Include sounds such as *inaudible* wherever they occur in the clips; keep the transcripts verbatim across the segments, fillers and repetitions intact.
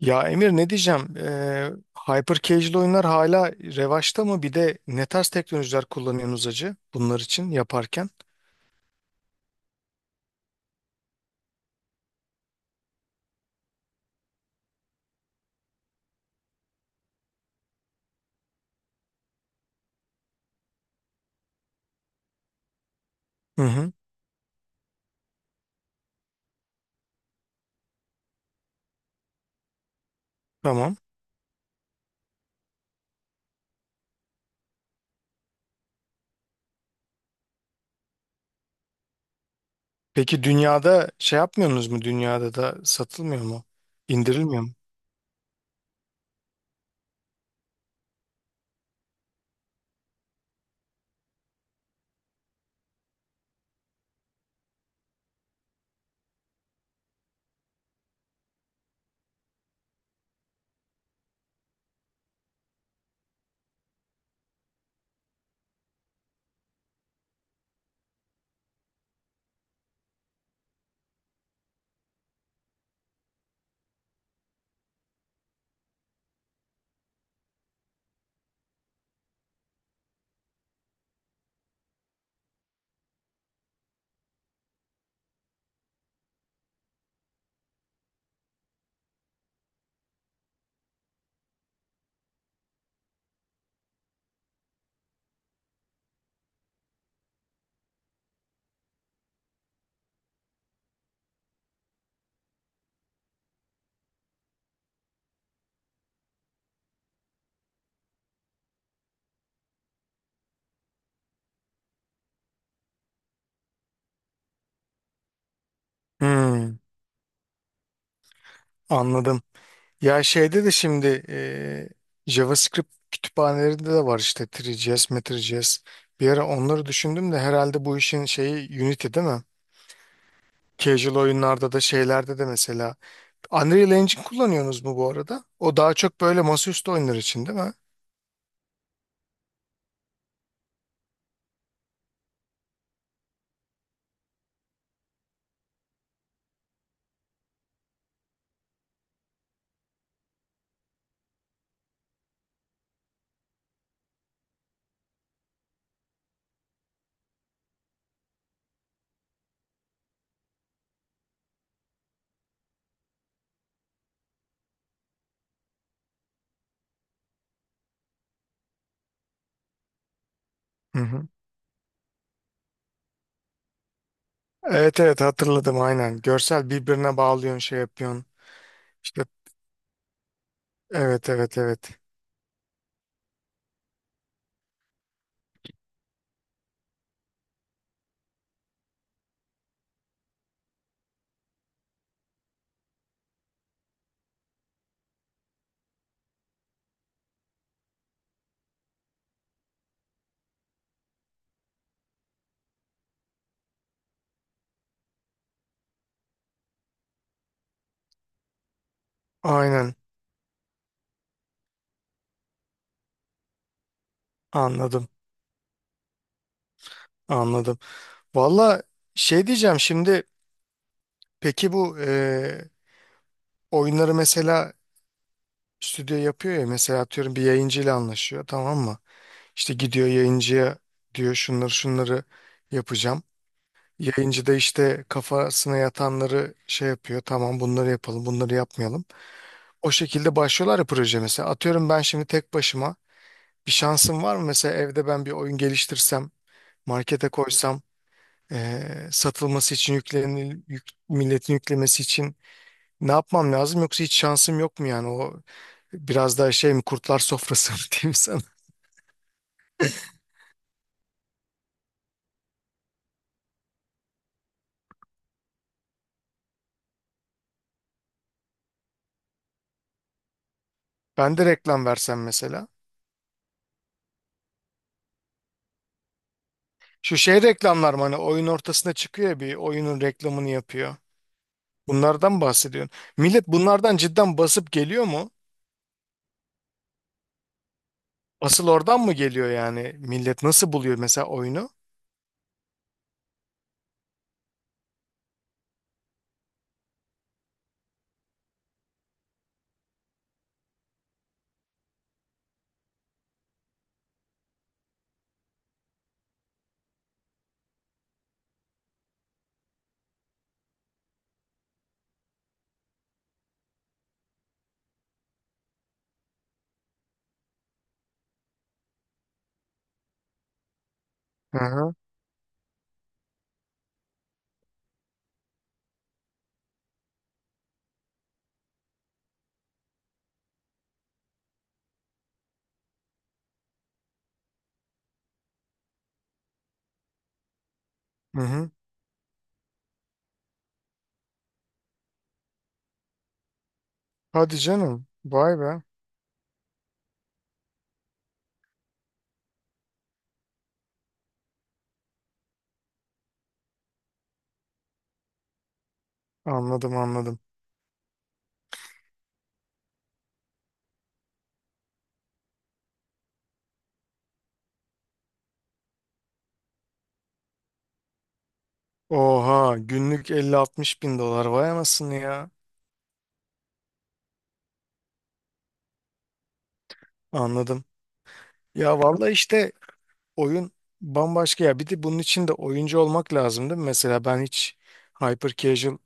Ya Emir ne diyeceğim? Ee, hyper casual oyunlar hala revaçta mı? Bir de ne tarz teknolojiler kullanıyorsunuz acı bunlar için yaparken? Hı hı, tamam. Peki dünyada şey yapmıyorsunuz mu? Dünyada da satılmıyor mu? İndirilmiyor mu? Hmm, anladım. Ya şeyde de şimdi e, JavaScript kütüphanelerinde de var işte üç J S. Bir ara onları düşündüm de herhalde bu işin şeyi Unity değil mi? Casual oyunlarda da şeylerde de mesela Unreal Engine kullanıyorsunuz mu bu arada? O daha çok böyle masaüstü oyunlar için değil mi? Hı hı. Evet evet hatırladım aynen. Görsel birbirine bağlıyorsun şey yapıyorsun. İşte evet evet evet. Aynen, anladım anladım. Valla şey diyeceğim şimdi, peki bu e, oyunları mesela stüdyo yapıyor ya, mesela atıyorum bir yayıncıyla anlaşıyor tamam mı? İşte gidiyor yayıncıya, diyor şunları şunları yapacağım. Yayıncı da işte kafasına yatanları şey yapıyor. Tamam bunları yapalım, bunları yapmayalım. O şekilde başlıyorlar ya proje mesela. Atıyorum ben şimdi tek başıma bir şansım var mı? Mesela evde ben bir oyun geliştirsem, markete koysam, eee, satılması için yüklenil, yük- milletin yüklemesi için ne yapmam lazım? Yoksa hiç şansım yok mu yani? O biraz daha şey mi, kurtlar sofrası mı *laughs* diyeyim sana. Ben de reklam versem mesela. Şu şey reklamlar mı, hani oyun ortasında çıkıyor ya, bir oyunun reklamını yapıyor. Bunlardan bahsediyorsun. Millet bunlardan cidden basıp geliyor mu? Asıl oradan mı geliyor yani? Millet nasıl buluyor mesela oyunu? Hı hı. Hı hı. Hadi canım. Vay be. Anladım anladım. Oha, günlük elli altmış bin dolar, vay anasını ya. Anladım. Ya vallahi işte oyun bambaşka ya. Bir de bunun için de oyuncu olmak lazım değil mi? Mesela ben hiç hyper casual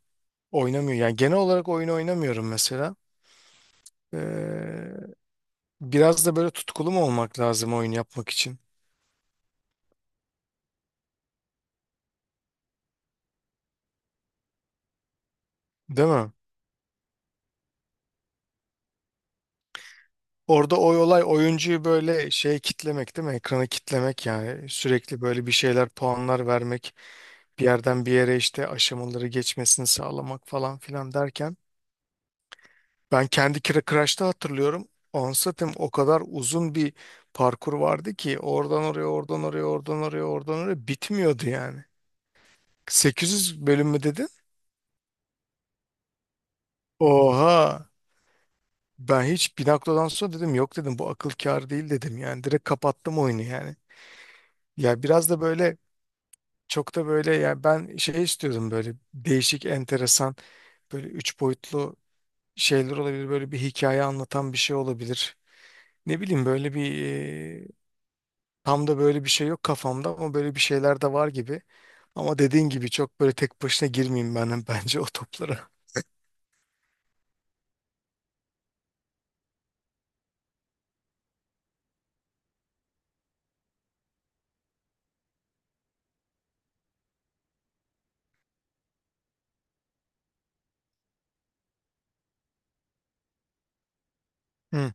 oynamıyorum. Yani genel olarak oyun oynamıyorum mesela. Ee, biraz da böyle tutkulu mu olmak lazım oyun yapmak için? Değil mi? Orada o olay oyuncuyu böyle şey kitlemek değil mi? Ekranı kitlemek, yani sürekli böyle bir şeyler, puanlar vermek, bir yerden bir yere işte aşamaları geçmesini sağlamak falan filan derken, ben kendi Kira Crash'ta hatırlıyorum Ansat'ım, o kadar uzun bir parkur vardı ki oradan oraya oradan oraya oradan oraya oradan oraya bitmiyordu yani. sekiz yüz bölüm mü dedin? Oha, ben hiç bir noktadan sonra dedim yok, dedim bu akıl kâr değil, dedim yani direkt kapattım oyunu yani. Ya biraz da böyle, çok da böyle yani ben şey istiyordum, böyle değişik, enteresan, böyle üç boyutlu şeyler olabilir. Böyle bir hikaye anlatan bir şey olabilir. Ne bileyim böyle bir, e, tam da böyle bir şey yok kafamda ama böyle bir şeyler de var gibi. Ama dediğin gibi çok böyle tek başına girmeyeyim ben *laughs* bence o toplara. Hı,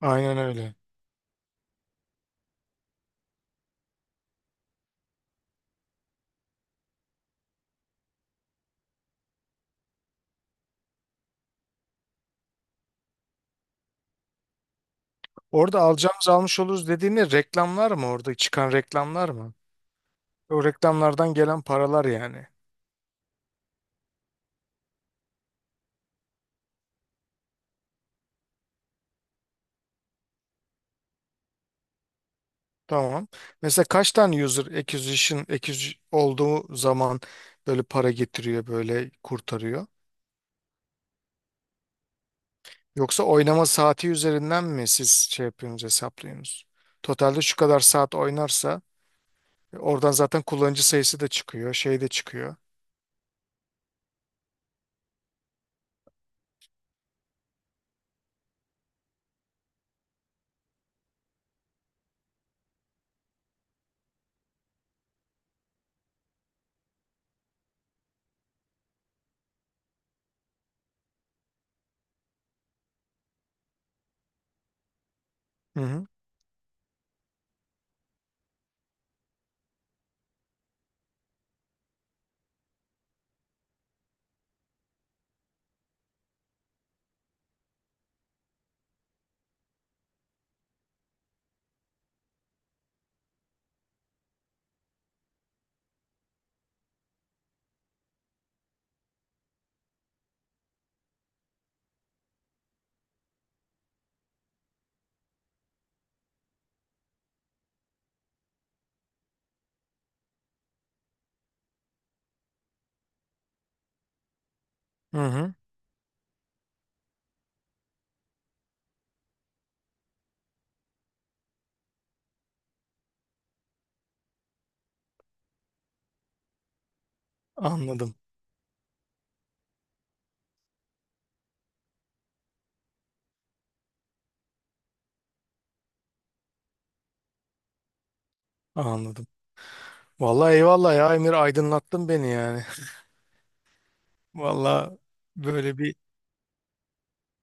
aynen öyle. Orada alacağımız almış oluruz dediğini reklamlar mı, orada çıkan reklamlar mı? O reklamlardan gelen paralar yani. Tamam. Mesela kaç tane user acquisition acquisition olduğu zaman böyle para getiriyor, böyle kurtarıyor? Yoksa oynama saati üzerinden mi siz şey yapıyorsunuz, hesaplıyorsunuz? Totalde şu kadar saat oynarsa, e, oradan zaten kullanıcı sayısı da çıkıyor, şey de çıkıyor. Hı hı. Hı hı. Anladım. Anladım. Vallahi eyvallah ya Emir, aydınlattın beni yani. *laughs* Vallahi böyle bir,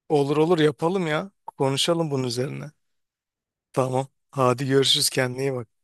olur olur yapalım ya. Konuşalım bunun üzerine. Tamam. Hadi görüşürüz, kendine iyi bak.